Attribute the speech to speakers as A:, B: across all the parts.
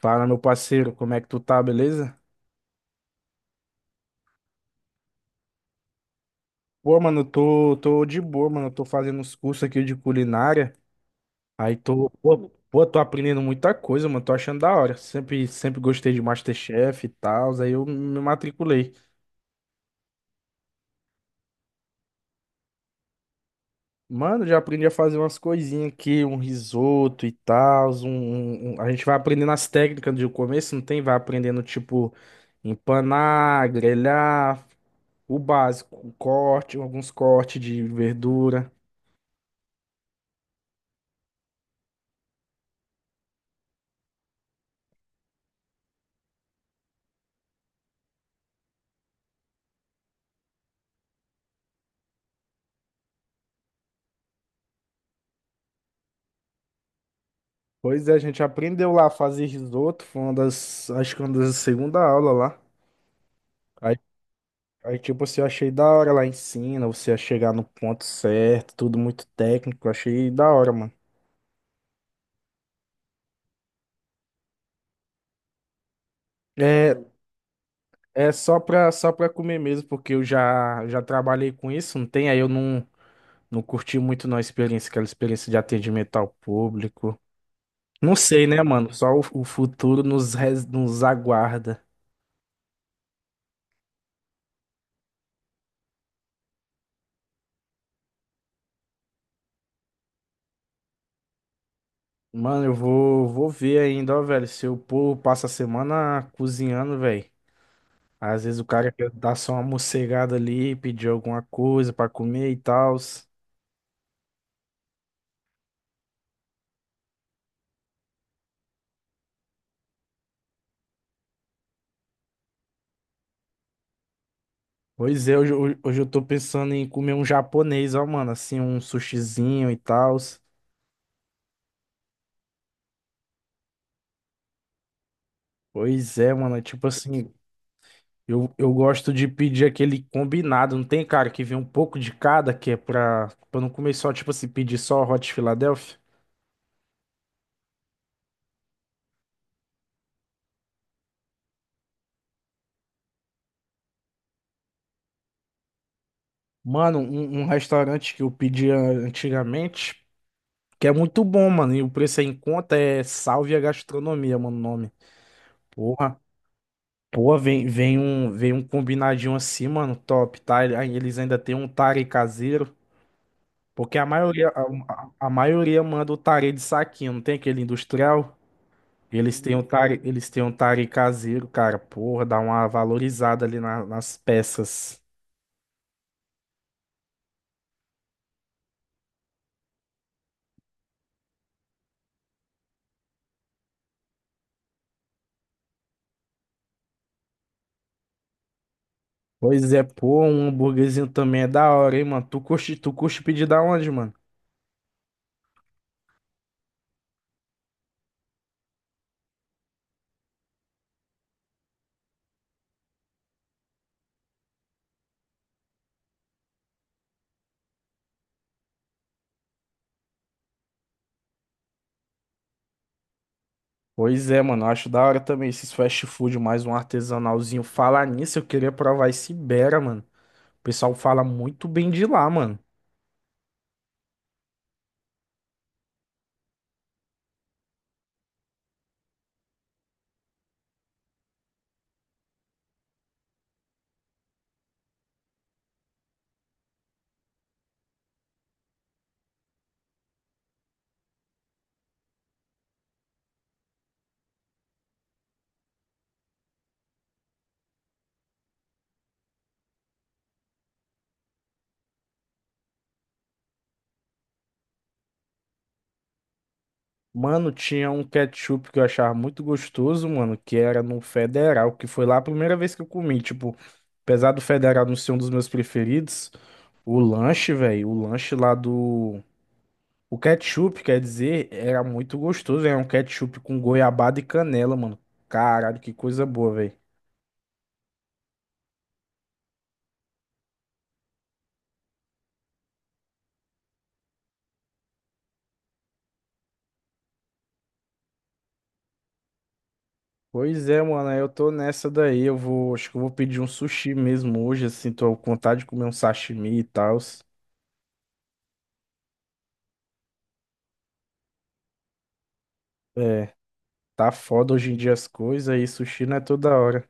A: Fala, meu parceiro, como é que tu tá, beleza? Pô, mano, tô de boa, mano. Tô fazendo uns cursos aqui de culinária. Aí tô, tô aprendendo muita coisa, mano. Tô achando da hora. Sempre gostei de MasterChef e tal. Aí eu me matriculei. Mano, já aprendi a fazer umas coisinhas aqui, um risoto e tal. A gente vai aprendendo as técnicas do começo, não tem? Vai aprendendo, tipo, empanar, grelhar, o básico, o corte, alguns cortes de verdura. Pois é, a gente aprendeu lá a fazer risoto, foi uma das, acho que uma das segunda aula lá. Aí, aí tipo, assim, eu achei da hora lá ensina, você a chegar no ponto certo, tudo muito técnico, achei da hora, mano. É, é só pra comer mesmo, porque eu já trabalhei com isso, não tem? Aí eu não curti muito não a experiência, aquela experiência de atendimento ao público. Não sei, né, mano? Só o futuro nos, nos aguarda. Mano, eu vou ver ainda, ó, velho. Se o povo passa a semana cozinhando, velho. Às vezes o cara quer dar só uma mocegada ali, pedir alguma coisa pra comer e tal. Pois é, hoje eu tô pensando em comer um japonês, ó, mano. Assim, um sushizinho e tal. Pois é, mano. Tipo assim, eu gosto de pedir aquele combinado, não tem, cara, que vem um pouco de cada, que é pra, pra não comer só, tipo assim, pedir só Hot Philadelphia. Mano, um restaurante que eu pedia antigamente. Que é muito bom, mano. E o preço é em conta, é Salve a Gastronomia, mano, o nome. Porra. Porra, vem, vem um combinadinho assim, mano, top, tá? Ele- aí Eles ainda tem um tare caseiro, porque a maioria, a maioria manda o tare de saquinho, não tem aquele industrial? Eles têm um tare, eles têm um tare caseiro, cara, porra, dá uma valorizada ali nas peças. Pois é, pô, um hambúrguerzinho também é da hora, hein, mano? Tu curte pedir da onde, mano? Pois é, mano, eu acho da hora também esses fast food, mais um artesanalzinho. Falar nisso, eu queria provar esse Ibera, mano. O pessoal fala muito bem de lá, mano. Mano, tinha um ketchup que eu achava muito gostoso, mano, que era no Federal, que foi lá a primeira vez que eu comi. Tipo, apesar do Federal não ser um dos meus preferidos, o lanche, velho, o lanche lá do. O ketchup, quer dizer, era muito gostoso. Era um ketchup com goiabada e canela, mano. Caralho, que coisa boa, velho. Pois é, mano, eu tô nessa daí. Eu vou, acho que eu vou pedir um sushi mesmo hoje, assim, tô com vontade de comer um sashimi e tal. É, tá foda hoje em dia as coisas e sushi não é toda hora.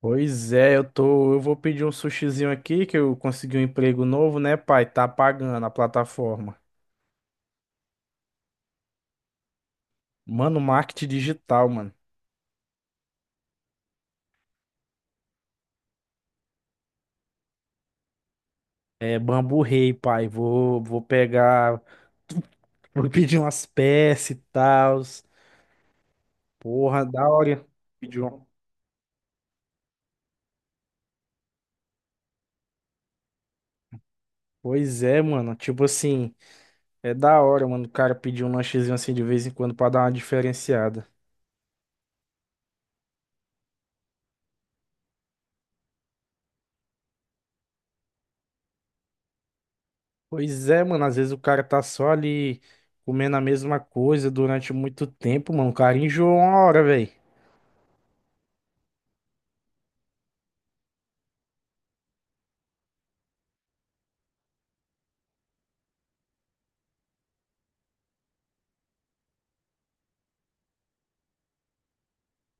A: Pois é, eu tô, eu vou pedir um sushizinho aqui que eu consegui um emprego novo, né, pai? Tá pagando a plataforma. Mano, marketing digital, mano. É Bambu Rei, pai. Vou pegar, vou pedir umas peças e tal. Porra, da hora. Pedir um. Pois é, mano, tipo assim. É da hora, mano, o cara pedir um lanchezinho assim de vez em quando pra dar uma diferenciada. Pois é, mano, às vezes o cara tá só ali comendo a mesma coisa durante muito tempo, mano. O cara enjoa uma hora, velho.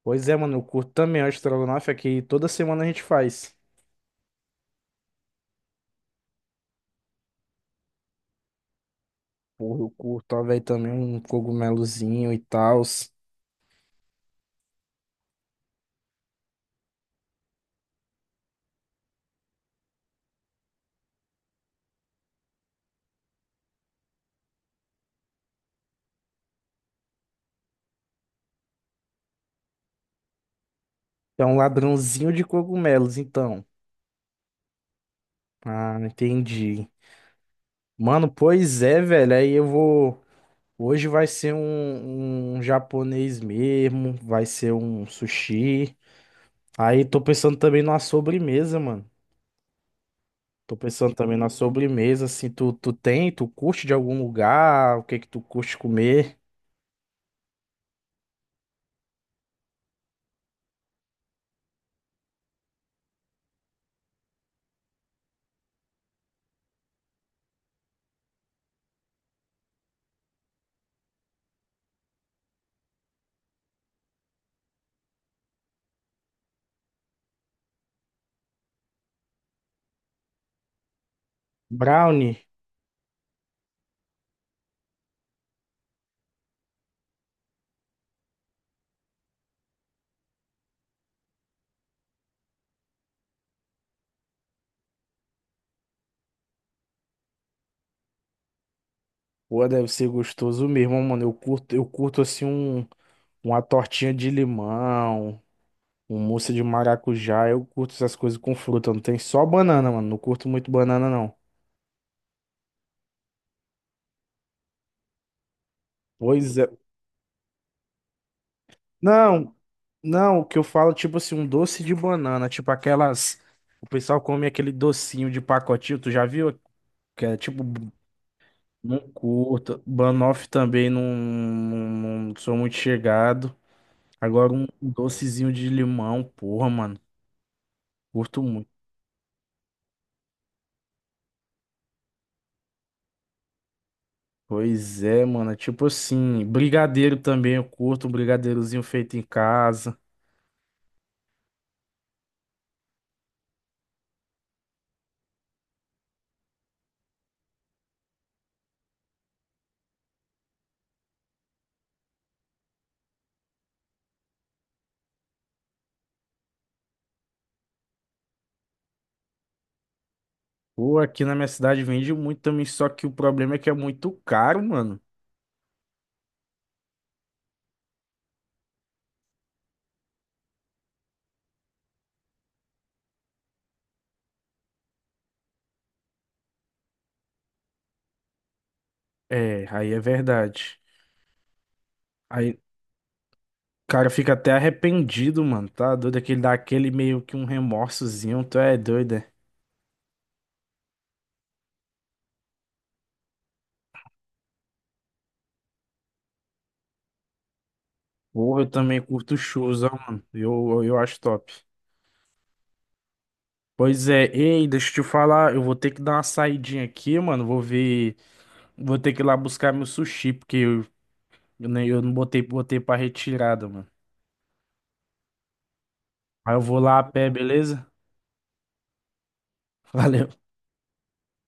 A: Pois é, mano, eu curto também o estrogonofe, é que toda semana a gente faz. Porra, eu curto, ó, velho, também um cogumelozinho e tal. É um ladrãozinho de cogumelos, então. Ah, entendi. Mano, pois é, velho, aí eu vou. Hoje vai ser um japonês mesmo, vai ser um sushi. Aí tô pensando também numa sobremesa, mano. Tô pensando também na sobremesa, assim, tu, tu tem, tu curte de algum lugar, o que que tu curte comer? Brownie, pô, deve ser gostoso mesmo, mano. Eu curto assim um, uma tortinha de limão, um mousse de maracujá, eu curto essas coisas com fruta, não tem só banana, mano. Não curto muito banana, não. Pois é. Não, Não, o que eu falo, tipo assim, um doce de banana, tipo aquelas. O pessoal come aquele docinho de pacotinho, tu já viu? Que é tipo, não curto. Banoffee também não, não sou muito chegado. Agora um docezinho de limão, porra, mano, curto muito. Pois é, mano, é tipo assim, brigadeiro também eu curto, um brigadeirozinho feito em casa. Pô, aqui na minha cidade vende muito também, só que o problema é que é muito caro, mano. É, aí é verdade. Aí Cara, fica até arrependido, mano. Tá doido? Aquele dá aquele meio que um remorsozinho. Tu é doido, é? Porra, eu também curto shows, ó, mano. Eu acho top. Pois é, ei, deixa eu te falar. Eu vou ter que dar uma saidinha aqui, mano. Vou ver. Vou ter que ir lá buscar meu sushi, porque eu não botei, botei pra retirada, mano. Aí eu vou lá a pé, beleza? Valeu.